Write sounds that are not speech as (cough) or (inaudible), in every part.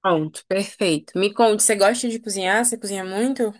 Pronto, perfeito. Me conte, você gosta de cozinhar? Você cozinha muito?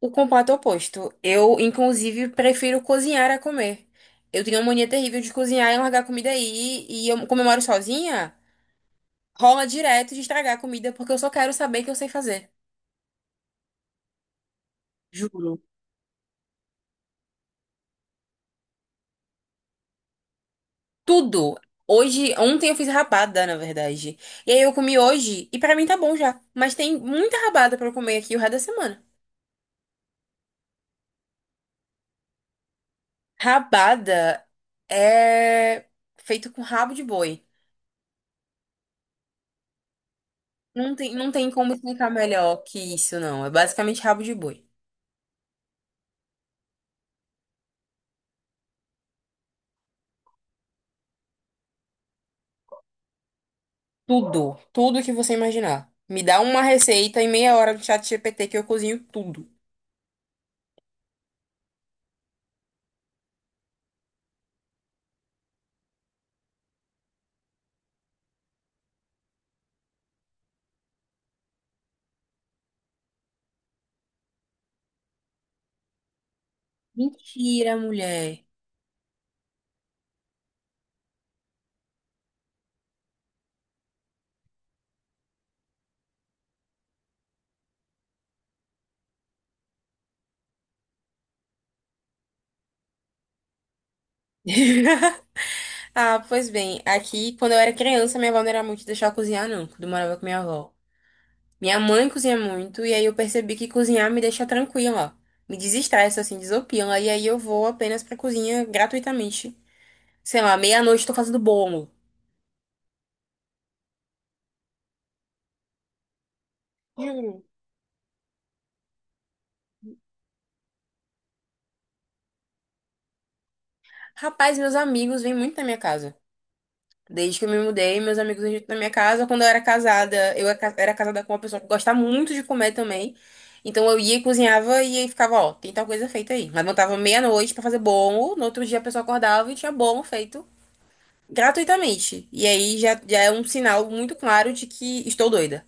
O completo oposto. Eu, inclusive, prefiro cozinhar a comer. Eu tenho uma mania terrível de cozinhar e largar a comida aí. E eu, como eu moro sozinha, rola direto de estragar a comida porque eu só quero saber que eu sei fazer. Juro. Tudo. Hoje, ontem eu fiz rabada, na verdade. E aí eu comi hoje e pra mim tá bom já. Mas tem muita rabada pra eu comer aqui o resto da semana. Rabada é feito com rabo de boi. Não tem como explicar melhor que isso, não. É basicamente rabo de boi. Tudo, tudo que você imaginar. Me dá uma receita em meia hora do chat GPT que eu cozinho tudo. Mentira, mulher. (laughs) Ah, pois bem, aqui quando eu era criança, minha avó não era muito de deixar eu cozinhar, não, quando eu morava com minha avó. Minha mãe cozinha muito, e aí eu percebi que cozinhar me deixa tranquila, me desestressa, assim, desopila, e aí eu vou apenas pra cozinha gratuitamente. Sei lá, meia-noite tô fazendo bolo. Juro. Rapaz, meus amigos vêm muito na minha casa. Desde que eu me mudei, meus amigos vêm muito na minha casa. Quando eu era casada, eu era casada com uma pessoa que gosta muito de comer também. Então eu ia e cozinhava e aí ficava, ó, tem tal coisa feita aí. Mas montava meia-noite pra fazer bolo. No outro dia a pessoa acordava e tinha bolo feito gratuitamente. E aí já é um sinal muito claro de que estou doida.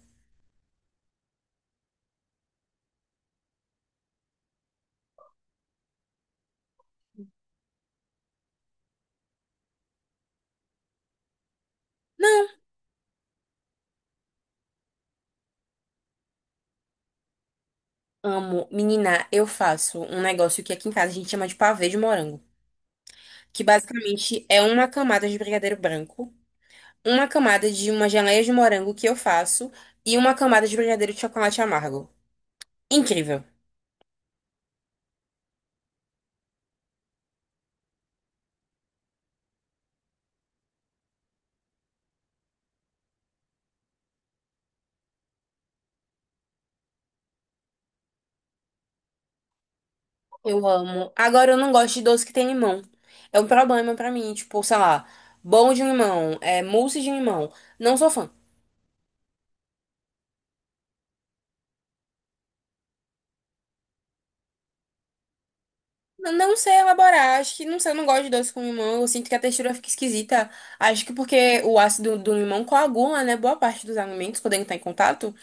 Amo, menina, eu faço um negócio que aqui em casa a gente chama de pavê de morango, que basicamente é uma camada de brigadeiro branco, uma camada de uma geleia de morango que eu faço e uma camada de brigadeiro de chocolate amargo. Incrível. Eu amo. Agora eu não gosto de doce que tem limão. É um problema pra mim, tipo, sei lá, bolo de limão, é mousse de limão. Não sou fã. Não sei elaborar, acho que não sei, eu não gosto de doce com limão, eu sinto que a textura fica esquisita. Acho que porque o ácido do limão coagula, né, boa parte dos alimentos quando ele tá em contato,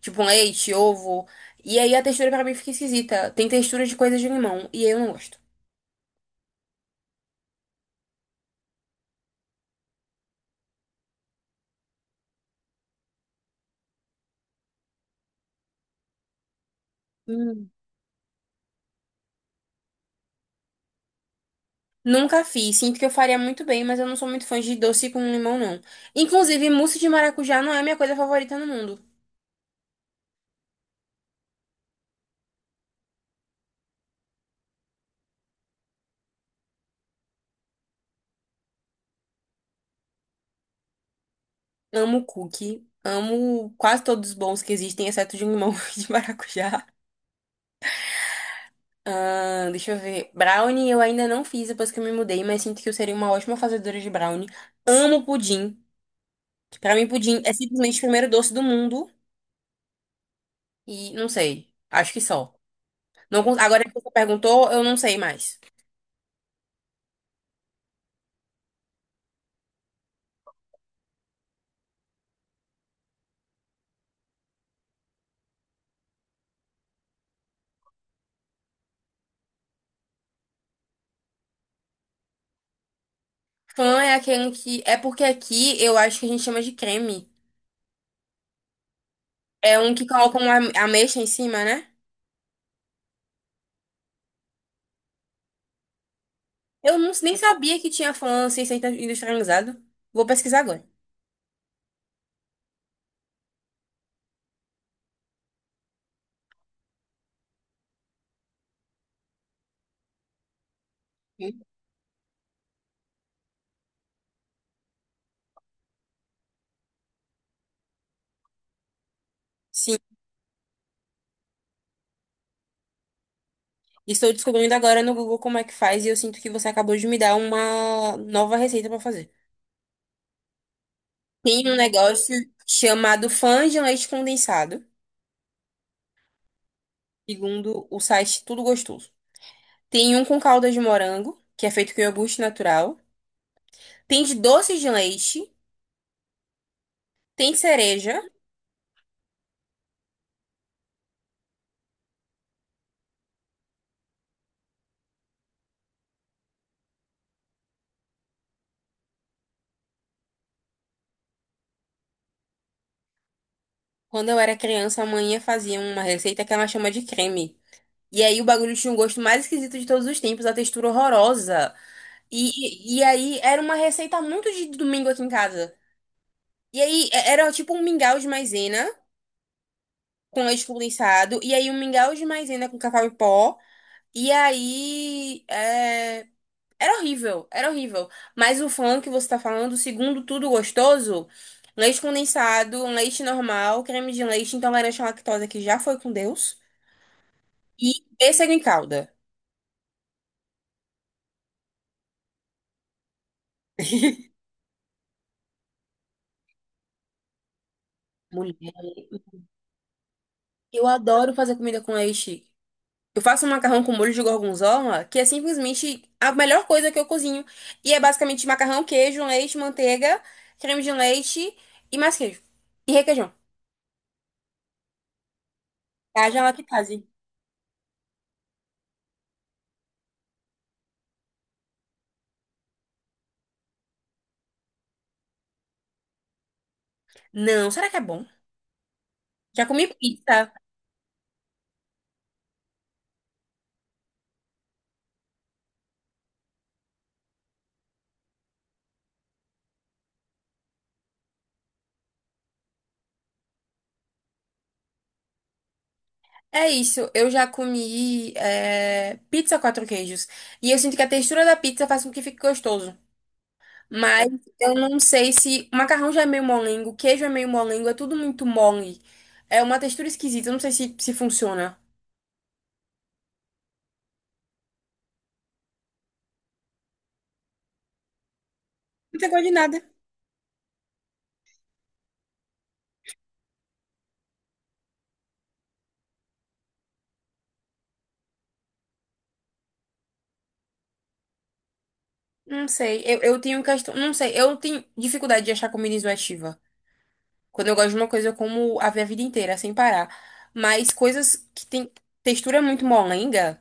tipo leite, ovo, e aí a textura pra mim fica esquisita. Tem textura de coisa de limão e eu não gosto. Nunca fiz. Sinto que eu faria muito bem, mas eu não sou muito fã de doce com limão, não. Inclusive, mousse de maracujá não é a minha coisa favorita no mundo. Amo cookie. Amo quase todos os bons que existem, exceto de limão (laughs) e de maracujá. Ah, deixa eu ver. Brownie eu ainda não fiz depois que eu me mudei, mas sinto que eu seria uma ótima fazedora de brownie. Amo pudim. Pra mim, pudim é simplesmente o primeiro doce do mundo. E não sei. Acho que só. Não, con- Agora que você perguntou, eu não sei mais. Flan é aquele que. É porque aqui eu acho que a gente chama de creme. É um que coloca uma ameixa em cima, né? Eu não, nem sabia que tinha flan sem ser industrializado. Vou pesquisar agora. Hum. Sim, estou descobrindo agora no Google como é que faz e eu sinto que você acabou de me dar uma nova receita para fazer. Tem um negócio chamado flan de leite condensado, segundo o site Tudo Gostoso. Tem um com calda de morango, que é feito com iogurte natural. Tem de doce de leite, tem cereja. Quando eu era criança, a manhã fazia uma receita que ela chama de creme. E aí o bagulho tinha um gosto mais esquisito de todos os tempos, a textura horrorosa. E, e aí era uma receita muito de domingo aqui em casa. E aí era tipo um mingau de maisena com leite condensado. E aí um mingau de maisena com cacau em pó. E aí era horrível, era horrível. Mas o flan que você tá falando, segundo tudo gostoso, leite condensado, um leite normal, creme de leite, intolerância à lactose que já foi com Deus. E pêssego em calda. Mulher, eu adoro fazer comida com leite. Eu faço um macarrão com molho de gorgonzola, que é simplesmente a melhor coisa que eu cozinho. E é basicamente macarrão, queijo, leite, manteiga, creme de leite e mais queijo. E requeijão. Haja lactase. Não, será que é bom? Já comi pizza. É isso, eu já comi é, pizza quatro queijos. E eu sinto que a textura da pizza faz com que fique gostoso. Mas eu não sei se. O macarrão já é meio molengo, o queijo é meio molengo, é tudo muito mole. É uma textura esquisita, eu não sei se funciona. Não tem gosto de nada. Não sei, eu tenho questão. Não sei, eu tenho dificuldade de achar comida enjoativa. Quando eu gosto de uma coisa, eu como a minha vida inteira, sem parar. Mas coisas que tem textura muito molenga.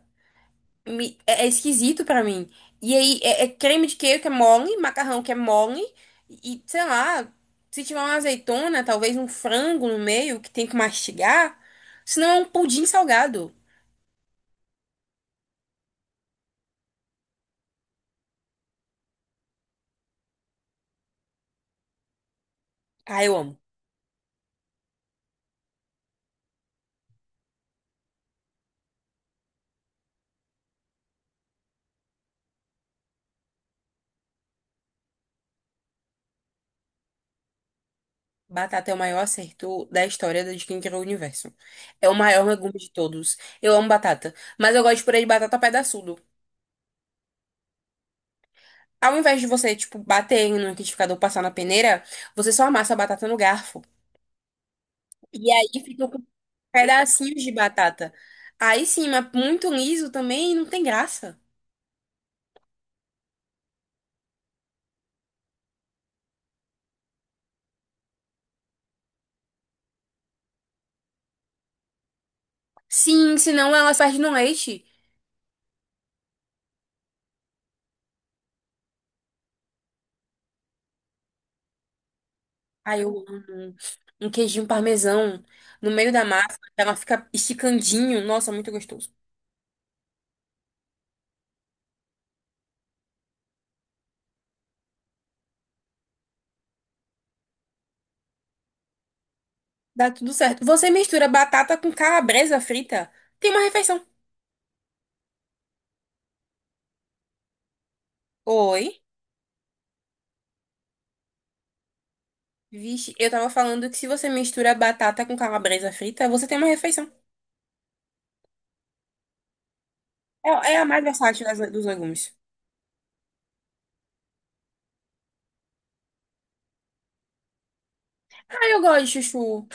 É esquisito pra mim. E aí, é creme de queijo que é mole, macarrão que é mole, e sei lá, se tiver uma azeitona, talvez um frango no meio que tem que mastigar, senão é um pudim salgado. Ah, eu amo. Batata é o maior acerto da história da de quem criou o universo. É o maior legume de todos. Eu amo batata, mas eu gosto de purê de batata pedaçudo. Ao invés de você, tipo, bater no liquidificador, passar na peneira, você só amassa a batata no garfo. E aí fica com pedacinhos de batata. Aí sim, mas muito liso também não tem graça. Sim, senão elas perdem no leite. Aí eu amo um queijinho parmesão no meio da massa, ela fica esticandinho. Nossa, muito gostoso. Dá tudo certo. Você mistura batata com calabresa frita, tem uma refeição. Oi? Vixe, eu tava falando que se você mistura batata com calabresa frita, você tem uma refeição. É, é a mais versátil dos legumes. Ah, eu gosto de chuchu.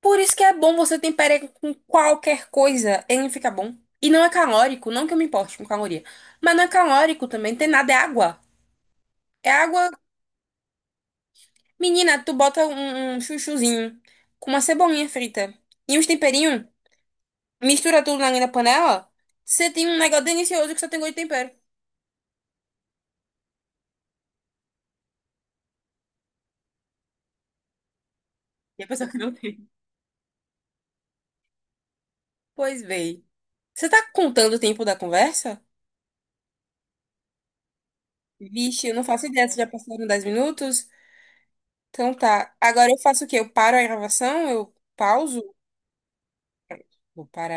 Por isso que é bom você temperar com qualquer coisa, ele fica bom. E não é calórico, não que eu me importe com caloria. Mas não é calórico também, tem nada, é água. É água. Menina, tu bota um chuchuzinho com uma cebolinha frita e uns temperinhos, mistura tudo na linha da panela, você tem um negócio delicioso que só tem gosto de tempero. E a pessoa que não tem. Pois bem. Você tá contando o tempo da conversa? Vixe, eu não faço ideia se já passaram 10 minutos. Então tá. Agora eu faço o quê? Eu paro a gravação? Eu pauso? Vou parar.